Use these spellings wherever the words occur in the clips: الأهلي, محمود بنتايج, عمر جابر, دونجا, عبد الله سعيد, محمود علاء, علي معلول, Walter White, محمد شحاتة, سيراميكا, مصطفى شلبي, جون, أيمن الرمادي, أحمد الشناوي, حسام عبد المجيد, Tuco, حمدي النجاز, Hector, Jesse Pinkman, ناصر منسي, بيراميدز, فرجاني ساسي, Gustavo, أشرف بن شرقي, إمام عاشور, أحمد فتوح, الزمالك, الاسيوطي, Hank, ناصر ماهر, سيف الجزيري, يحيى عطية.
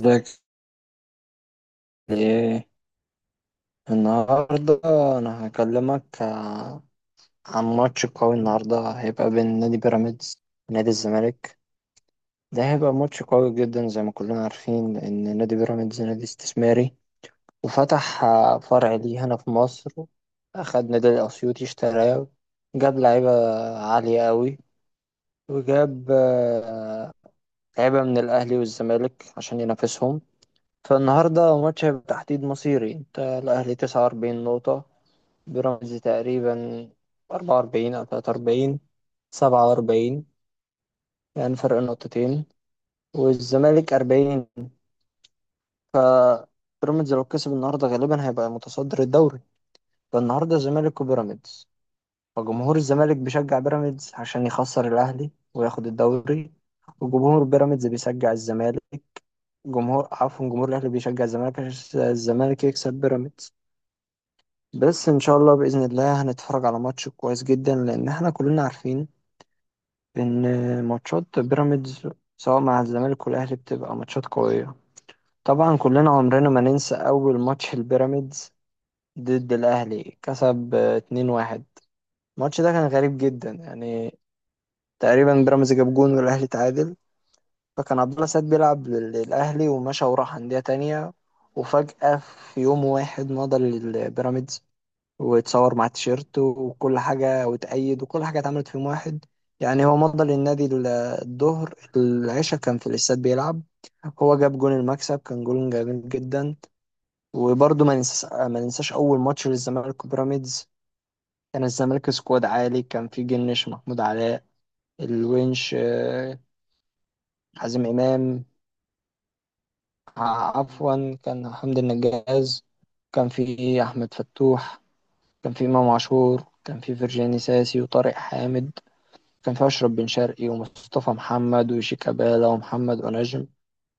ازيك؟ ايه النهارده؟ انا هكلمك عن ماتش قوي النهارده هيبقى بين نادي بيراميدز ونادي الزمالك. ده هيبقى ماتش قوي جدا. زي ما كلنا عارفين ان نادي بيراميدز نادي استثماري وفتح فرع ليه هنا في مصر، اخد نادي الاسيوطي اشتراه، جاب لعيبه عاليه قوي، وجاب لعيبه من الاهلي والزمالك عشان ينافسهم. فالنهارده ماتش هيبقى تحديد مصيري. انت الاهلي 49 نقطه، بيراميدز تقريبا 44 أو 43، 47، يعني فرق نقطتين، والزمالك 40. بيراميدز لو كسب النهارده غالبا هيبقى متصدر الدوري. فالنهارده الزمالك وبيراميدز. فجمهور الزمالك بيشجع بيراميدز عشان يخسر الأهلي وياخد الدوري، وجمهور بيراميدز بيشجع الزمالك، جمهور عفوا جمهور الأهلي بيشجع الزمالك عشان الزمالك يكسب بيراميدز. بس إن شاء الله بإذن الله هنتفرج على ماتش كويس جدا، لأن احنا كلنا عارفين ان ماتشات بيراميدز سواء مع الزمالك والاهلي بتبقى ماتشات قويه. طبعا كلنا عمرنا ما ننسى اول ماتش البيراميدز ضد الاهلي، كسب 2-1. الماتش ده كان غريب جدا يعني. تقريبا بيراميدز جاب جون والاهلي تعادل. فكان عبد الله سعيد بيلعب للاهلي ومشى وراح انديه تانية، وفجاه في يوم واحد مضى للبيراميدز، ويتصور مع التيشيرت وكل حاجة وتأيد وكل حاجة اتعملت في يوم واحد. يعني هو مضى للنادي الظهر، العشاء كان في الاستاد بيلعب. هو جاب جون المكسب، كان جون جميل جدا. وبرضه ما ننساش أول ماتش للزمالك وبيراميدز. كان الزمالك سكواد عالي، كان في جنش، محمود علاء الونش، حازم إمام، عفوا كان حمدي النجاز، كان في أحمد فتوح، كان في إمام عاشور، كان في فرجاني ساسي وطارق حامد، كان فيها أشرف بن شرقي ومصطفى محمد وشيكابالا ومحمد أنجم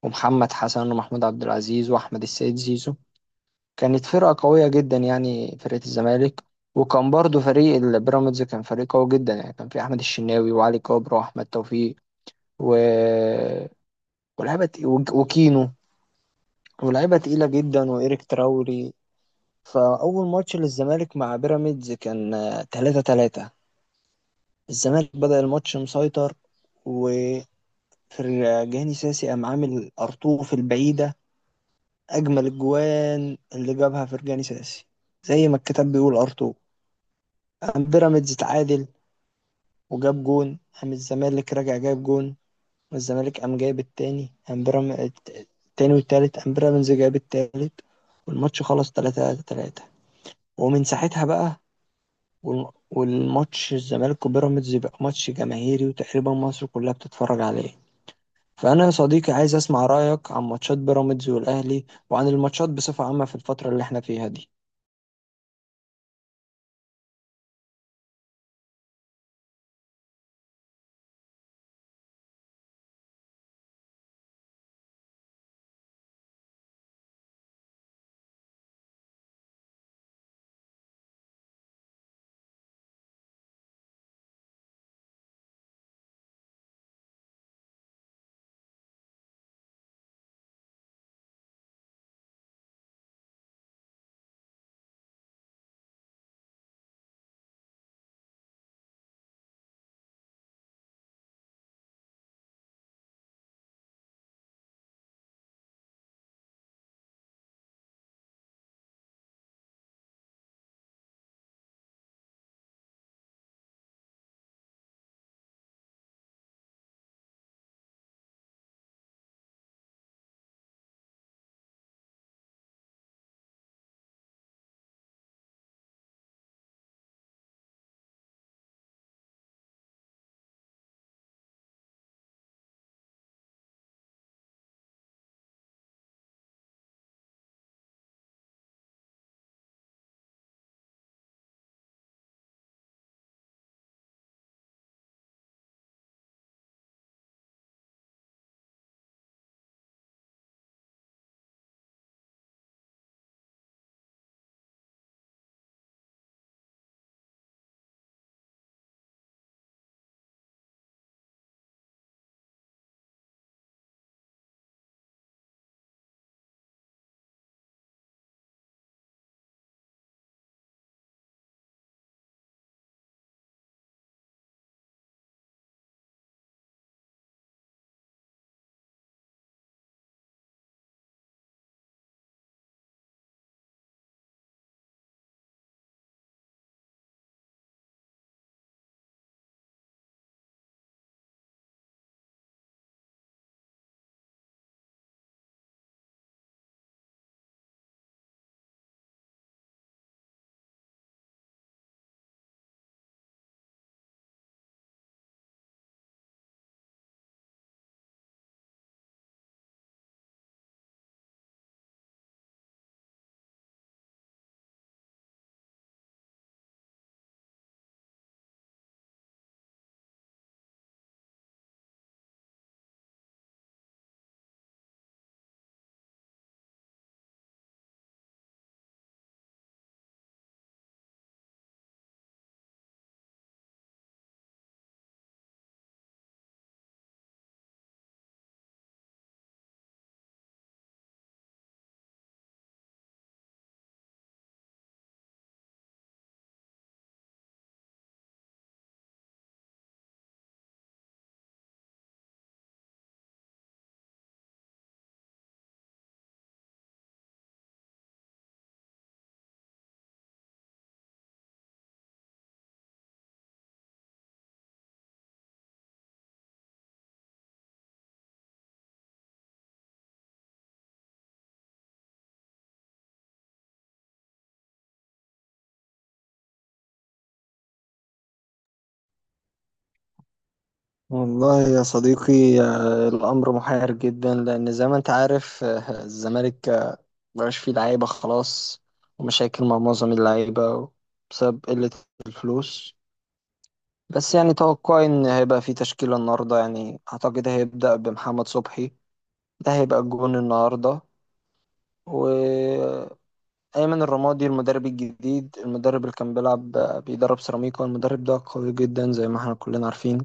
ومحمد حسن ومحمود عبد العزيز وأحمد السيد زيزو. كانت فرقة قوية جدا يعني فرقة الزمالك. وكان برضو فريق البيراميدز كان فريق قوي جدا، يعني كان في أحمد الشناوي وعلي كابر وأحمد توفيق و... وكينو، ولاعيبة تقيلة جدا، وإيريك تراوري. فأول ماتش للزمالك مع بيراميدز كان 3-3. الزمالك بدأ الماتش مسيطر، و... فرجاني ساسي قام عامل أرطوف البعيدة، أجمل الجوان اللي جابها فرجاني ساسي زي ما الكتاب بيقول أرطوف. قام بيراميدز اتعادل وجاب جون، قام الزمالك راجع جايب جون، والزمالك قام جايب التاني، قام بيراميدز التاني والتالت، قام بيراميدز جايب التالت، والماتش خلص تلاتة تلاتة. ومن ساعتها بقى والماتش الزمالك وبيراميدز يبقى ماتش جماهيري وتقريبا مصر كلها بتتفرج عليه. فأنا يا صديقي عايز أسمع رأيك عن ماتشات بيراميدز والأهلي وعن الماتشات بصفة عامة في الفترة اللي احنا فيها دي. والله يا صديقي، الأمر محير جدا، لأن زي ما أنت عارف الزمالك مبقاش فيه لعيبة خلاص، ومشاكل مع معظم اللعيبة بسبب قلة الفلوس. بس يعني توقعي إن هيبقى فيه تشكيلة النهاردة. يعني أعتقد هيبدأ بمحمد صبحي، ده هيبقى الجون النهاردة. و... أيمن الرمادي المدرب الجديد، المدرب اللي كان بيلعب بيدرب سيراميكا، المدرب ده قوي جدا زي ما احنا كلنا عارفين،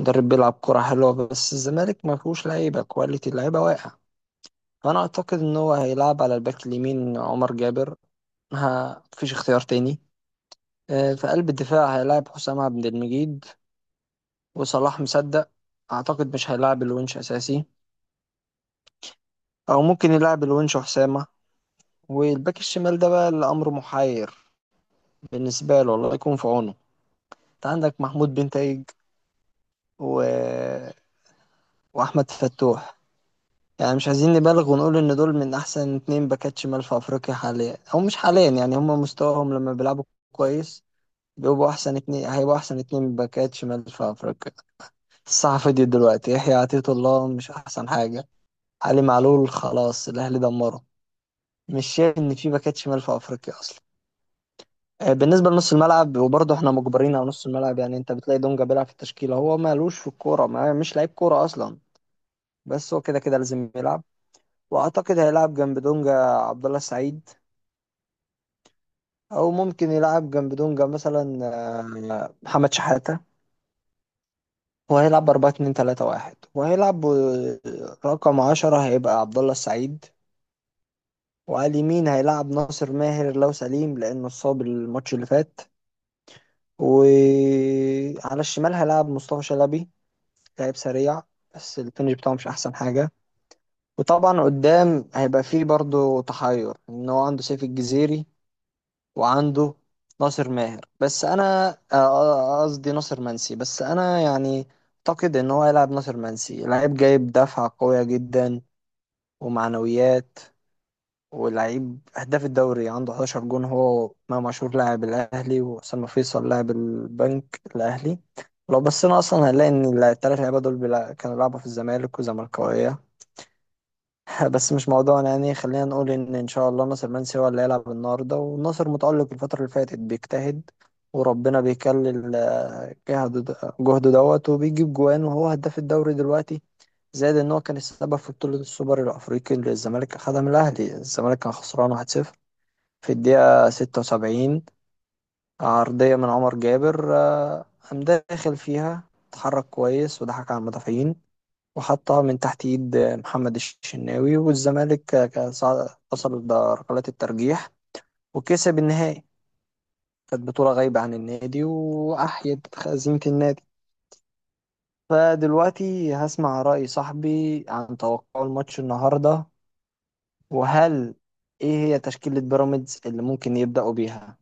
مدرب بيلعب كرة حلوة، بس الزمالك ما فيهوش لعيبة كواليتي، اللعيبة واقع. فأنا أعتقد إن هو هيلعب على الباك اليمين عمر جابر، ها مفيش اختيار تاني. في قلب الدفاع هيلعب حسام عبد المجيد وصلاح مصدق. أعتقد مش هيلعب الونش أساسي، أو ممكن يلعب الونش وحسامة. والباك الشمال ده بقى الأمر محير بالنسبة له، الله يكون في عونه. انت عندك محمود بنتايج و... واحمد فتوح. يعني مش عايزين نبالغ ونقول ان دول من احسن اتنين باكات شمال في افريقيا حاليا، او مش حاليا يعني، هم مستواهم لما بيلعبوا كويس بيبقوا احسن اتنين، هيبقوا احسن اتنين باكات شمال في افريقيا. الصحفي دي دلوقتي يحيى عطية الله مش احسن حاجة، علي معلول خلاص الاهلي دمره، مش شايف ان في باكات شمال في افريقيا اصلا. بالنسبة لنص الملعب، وبرضه احنا مجبرين على نص الملعب، يعني انت بتلاقي دونجا بيلعب في التشكيلة، هو مالوش في الكورة، ما مش لعيب كورة اصلا، بس هو كده كده لازم يلعب. واعتقد هيلعب جنب دونجا عبد الله السعيد، او ممكن يلعب جنب دونجا مثلا محمد شحاتة. وهيلعب 4 2 3 1، وهيلعب رقم 10 هيبقى عبد الله السعيد، وعلى اليمين هيلعب ناصر ماهر لو سليم لانه اتصاب الماتش اللي فات، وعلى الشمال هيلعب مصطفى شلبي، لاعب سريع بس الفينش بتاعه مش احسن حاجة. وطبعا قدام هيبقى فيه برضو تحير، ان هو عنده سيف الجزيري وعنده ناصر ماهر، بس انا قصدي ناصر منسي. بس انا يعني اعتقد ان هو يلعب ناصر منسي، لعيب جايب دفعة قوية جدا ومعنويات، ولعيب هداف الدوري عنده 11 جون، هو امام عاشور لاعب الاهلي واسامه فيصل لاعب البنك الاهلي. لو بصينا اصلا هنلاقي ان الثلاث لعيبه دول كانوا بيلعبوا في الزمالك وزملكاويه. بس مش موضوعنا، يعني خلينا نقول ان ان شاء الله ناصر منسي هو اللي هيلعب النهارده. والناصر متألق الفتره اللي فاتت، بيجتهد، وربنا بيكلل جهده دوت، وبيجيب جوان، وهو هداف الدوري دلوقتي. زائد ان هو كان السبب في بطوله السوبر الافريقي اللي الزمالك اخدها من الاهلي. الزمالك كان خسران 1-0 في الدقيقه 76، عرضيه من عمر جابر، قام داخل فيها، اتحرك كويس وضحك على المدافعين، وحطها من تحت ايد محمد الشناوي، والزمالك وصل لركلات الترجيح وكسب النهائي. كانت بطولة غايبة عن النادي وأحيت خزينة النادي. فدلوقتي هسمع رأي صاحبي عن توقع الماتش النهاردة، وهل إيه هي تشكيلة بيراميدز اللي ممكن يبدأوا بيها؟